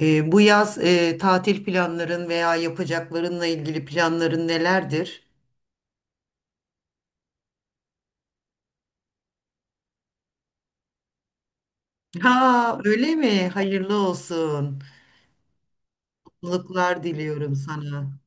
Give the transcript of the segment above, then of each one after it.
Bu yaz tatil planların veya yapacaklarınla ilgili planların nelerdir? Ha, öyle mi? Hayırlı olsun. Mutluluklar diliyorum sana.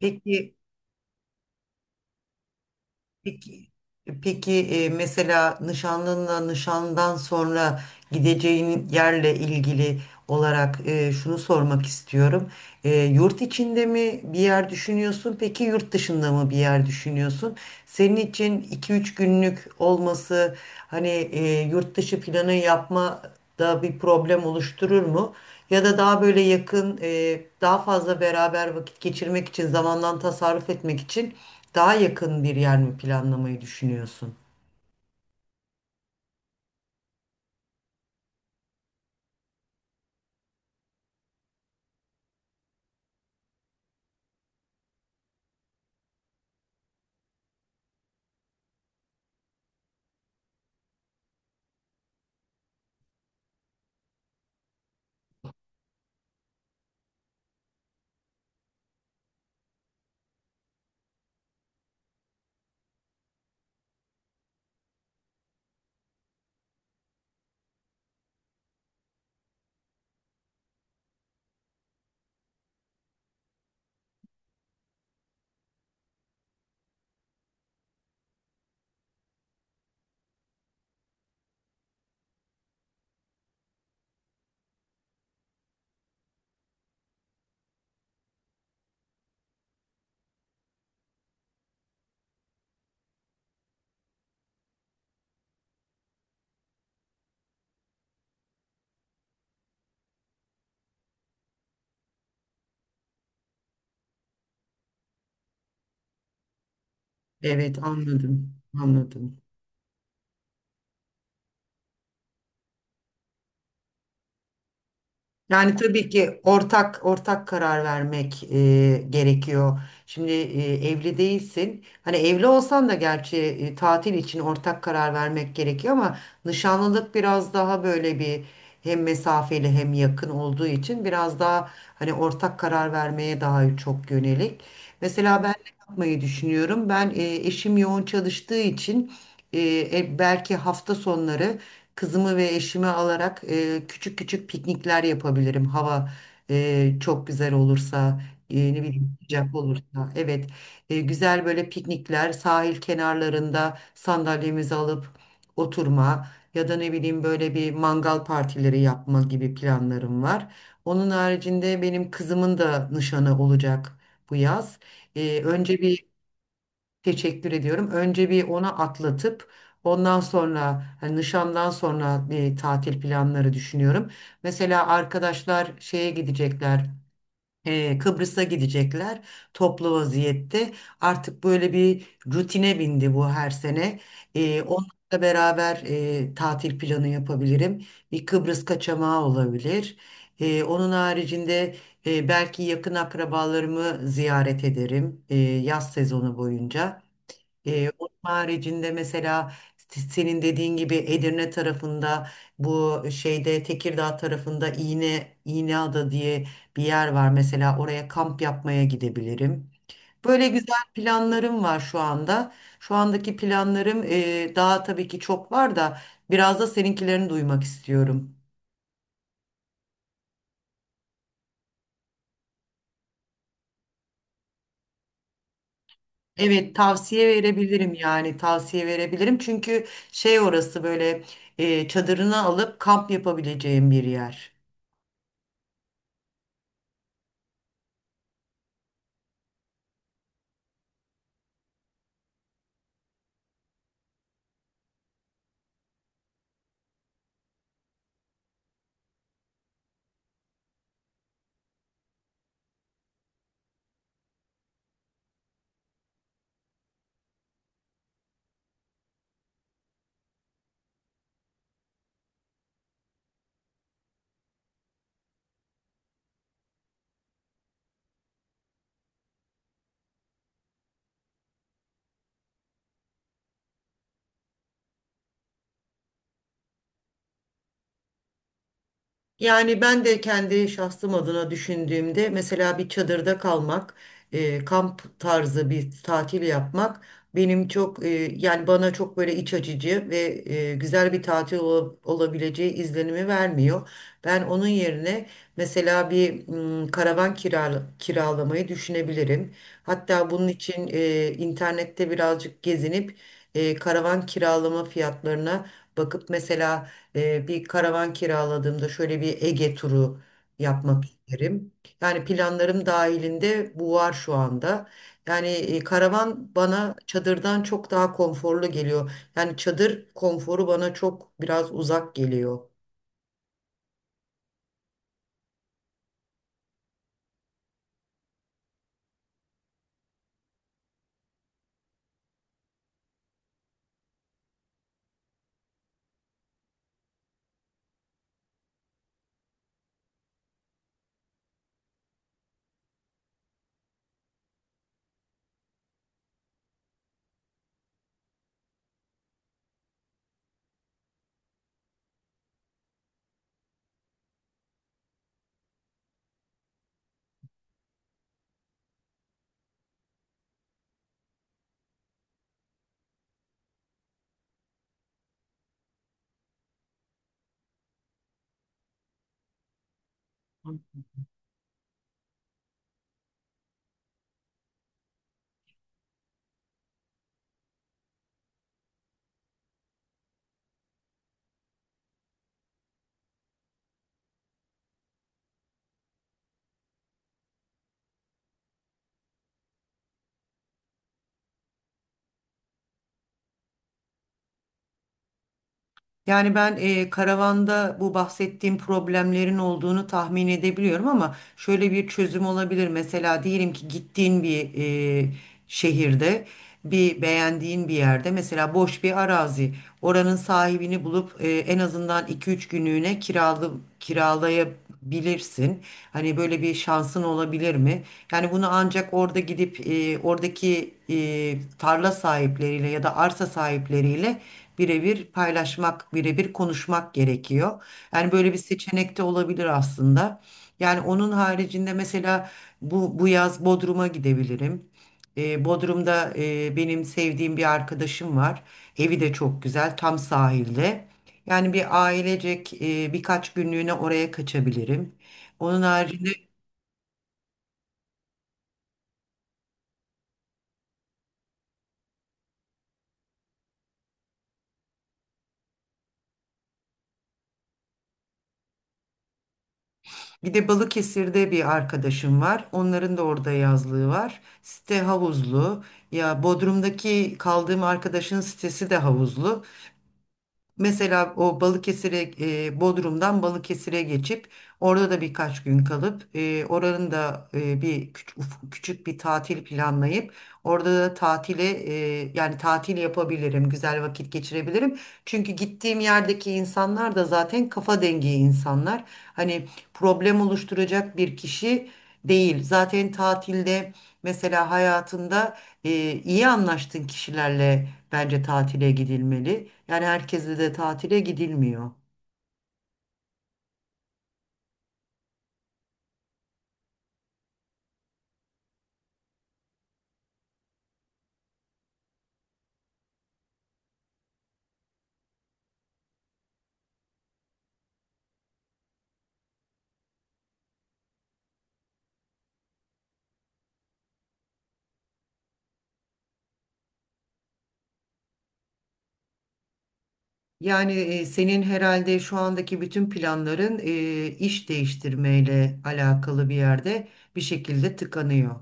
Peki, peki, peki, mesela nişanlınla nişandan sonra gideceğin yerle ilgili olarak şunu sormak istiyorum. Yurt içinde mi bir yer düşünüyorsun? Peki yurt dışında mı bir yer düşünüyorsun? Senin için iki üç günlük olması hani yurt dışı planı yapmada bir problem oluşturur mu? Ya da daha böyle yakın, daha fazla beraber vakit geçirmek için, zamandan tasarruf etmek için daha yakın bir yer mi planlamayı düşünüyorsun? Evet, anladım, anladım. Yani tabii ki ortak karar vermek gerekiyor. Şimdi evli değilsin. Hani evli olsan da gerçi tatil için ortak karar vermek gerekiyor ama nişanlılık biraz daha böyle bir hem mesafeli hem yakın olduğu için biraz daha hani ortak karar vermeye daha çok yönelik. Mesela ben ne yapmayı düşünüyorum? Ben eşim yoğun çalıştığı için e, belki hafta sonları kızımı ve eşimi alarak küçük küçük piknikler yapabilirim. Hava çok güzel olursa, ne bileyim sıcak olursa. Evet, güzel böyle piknikler, sahil kenarlarında sandalyemizi alıp oturma ya da ne bileyim böyle bir mangal partileri yapma gibi planlarım var. Onun haricinde benim kızımın da nişanı olacak bu yaz. E, önce bir Teşekkür ediyorum. Önce bir ona atlatıp ondan sonra hani nişandan sonra bir tatil planları düşünüyorum. Mesela arkadaşlar şeye gidecekler. Kıbrıs'a gidecekler toplu vaziyette. Artık böyle bir rutine bindi bu her sene. Onlarla beraber tatil planı yapabilirim. Bir Kıbrıs kaçamağı olabilir. Onun haricinde belki yakın akrabalarımı ziyaret ederim yaz sezonu boyunca. Onun haricinde mesela senin dediğin gibi Edirne tarafında bu şeyde Tekirdağ tarafında İğneada diye bir yer var. Mesela oraya kamp yapmaya gidebilirim. Böyle güzel planlarım var şu anda. Şu andaki planlarım daha tabii ki çok var da biraz da seninkilerini duymak istiyorum. Evet, tavsiye verebilirim, yani tavsiye verebilirim. Çünkü şey, orası böyle çadırını alıp kamp yapabileceğim bir yer. Yani ben de kendi şahsım adına düşündüğümde mesela bir çadırda kalmak, kamp tarzı bir tatil yapmak benim çok yani bana çok böyle iç açıcı ve güzel bir tatil olabileceği izlenimi vermiyor. Ben onun yerine mesela bir karavan kiralamayı düşünebilirim. Hatta bunun için internette birazcık gezinip karavan kiralama fiyatlarına bakıp mesela bir karavan kiraladığımda şöyle bir Ege turu yapmak isterim. Yani planlarım dahilinde bu var şu anda. Yani karavan bana çadırdan çok daha konforlu geliyor. Yani çadır konforu bana çok biraz uzak geliyor. Yani ben karavanda bu bahsettiğim problemlerin olduğunu tahmin edebiliyorum ama şöyle bir çözüm olabilir. Mesela diyelim ki gittiğin bir e, şehirde, bir beğendiğin bir yerde mesela boş bir arazi, oranın sahibini bulup en azından iki üç günlüğüne kiralaya bilirsin. Hani böyle bir şansın olabilir mi? Yani bunu ancak orada gidip oradaki tarla sahipleriyle ya da arsa sahipleriyle birebir paylaşmak, birebir konuşmak gerekiyor. Yani böyle bir seçenek de olabilir aslında. Yani onun haricinde mesela bu yaz Bodrum'a gidebilirim. Bodrum'da benim sevdiğim bir arkadaşım var. Evi de çok güzel, tam sahilde. Yani bir ailecek birkaç günlüğüne oraya kaçabilirim. Onun haricinde bir de Balıkesir'de bir arkadaşım var. Onların da orada yazlığı var. Site havuzlu. Ya Bodrum'daki kaldığım arkadaşın sitesi de havuzlu. Mesela o Bodrum'dan Balıkesir'e geçip orada da birkaç gün kalıp oranın da bir küçük, küçük bir tatil planlayıp orada da yani tatil yapabilirim, güzel vakit geçirebilirim. Çünkü gittiğim yerdeki insanlar da zaten kafa dengi insanlar. Hani problem oluşturacak bir kişi değil. Zaten tatilde mesela hayatında iyi anlaştığın kişilerle bence tatile gidilmeli. Yani herkese de tatile gidilmiyor. Yani senin herhalde şu andaki bütün planların iş değiştirmeyle alakalı bir yerde bir şekilde tıkanıyor.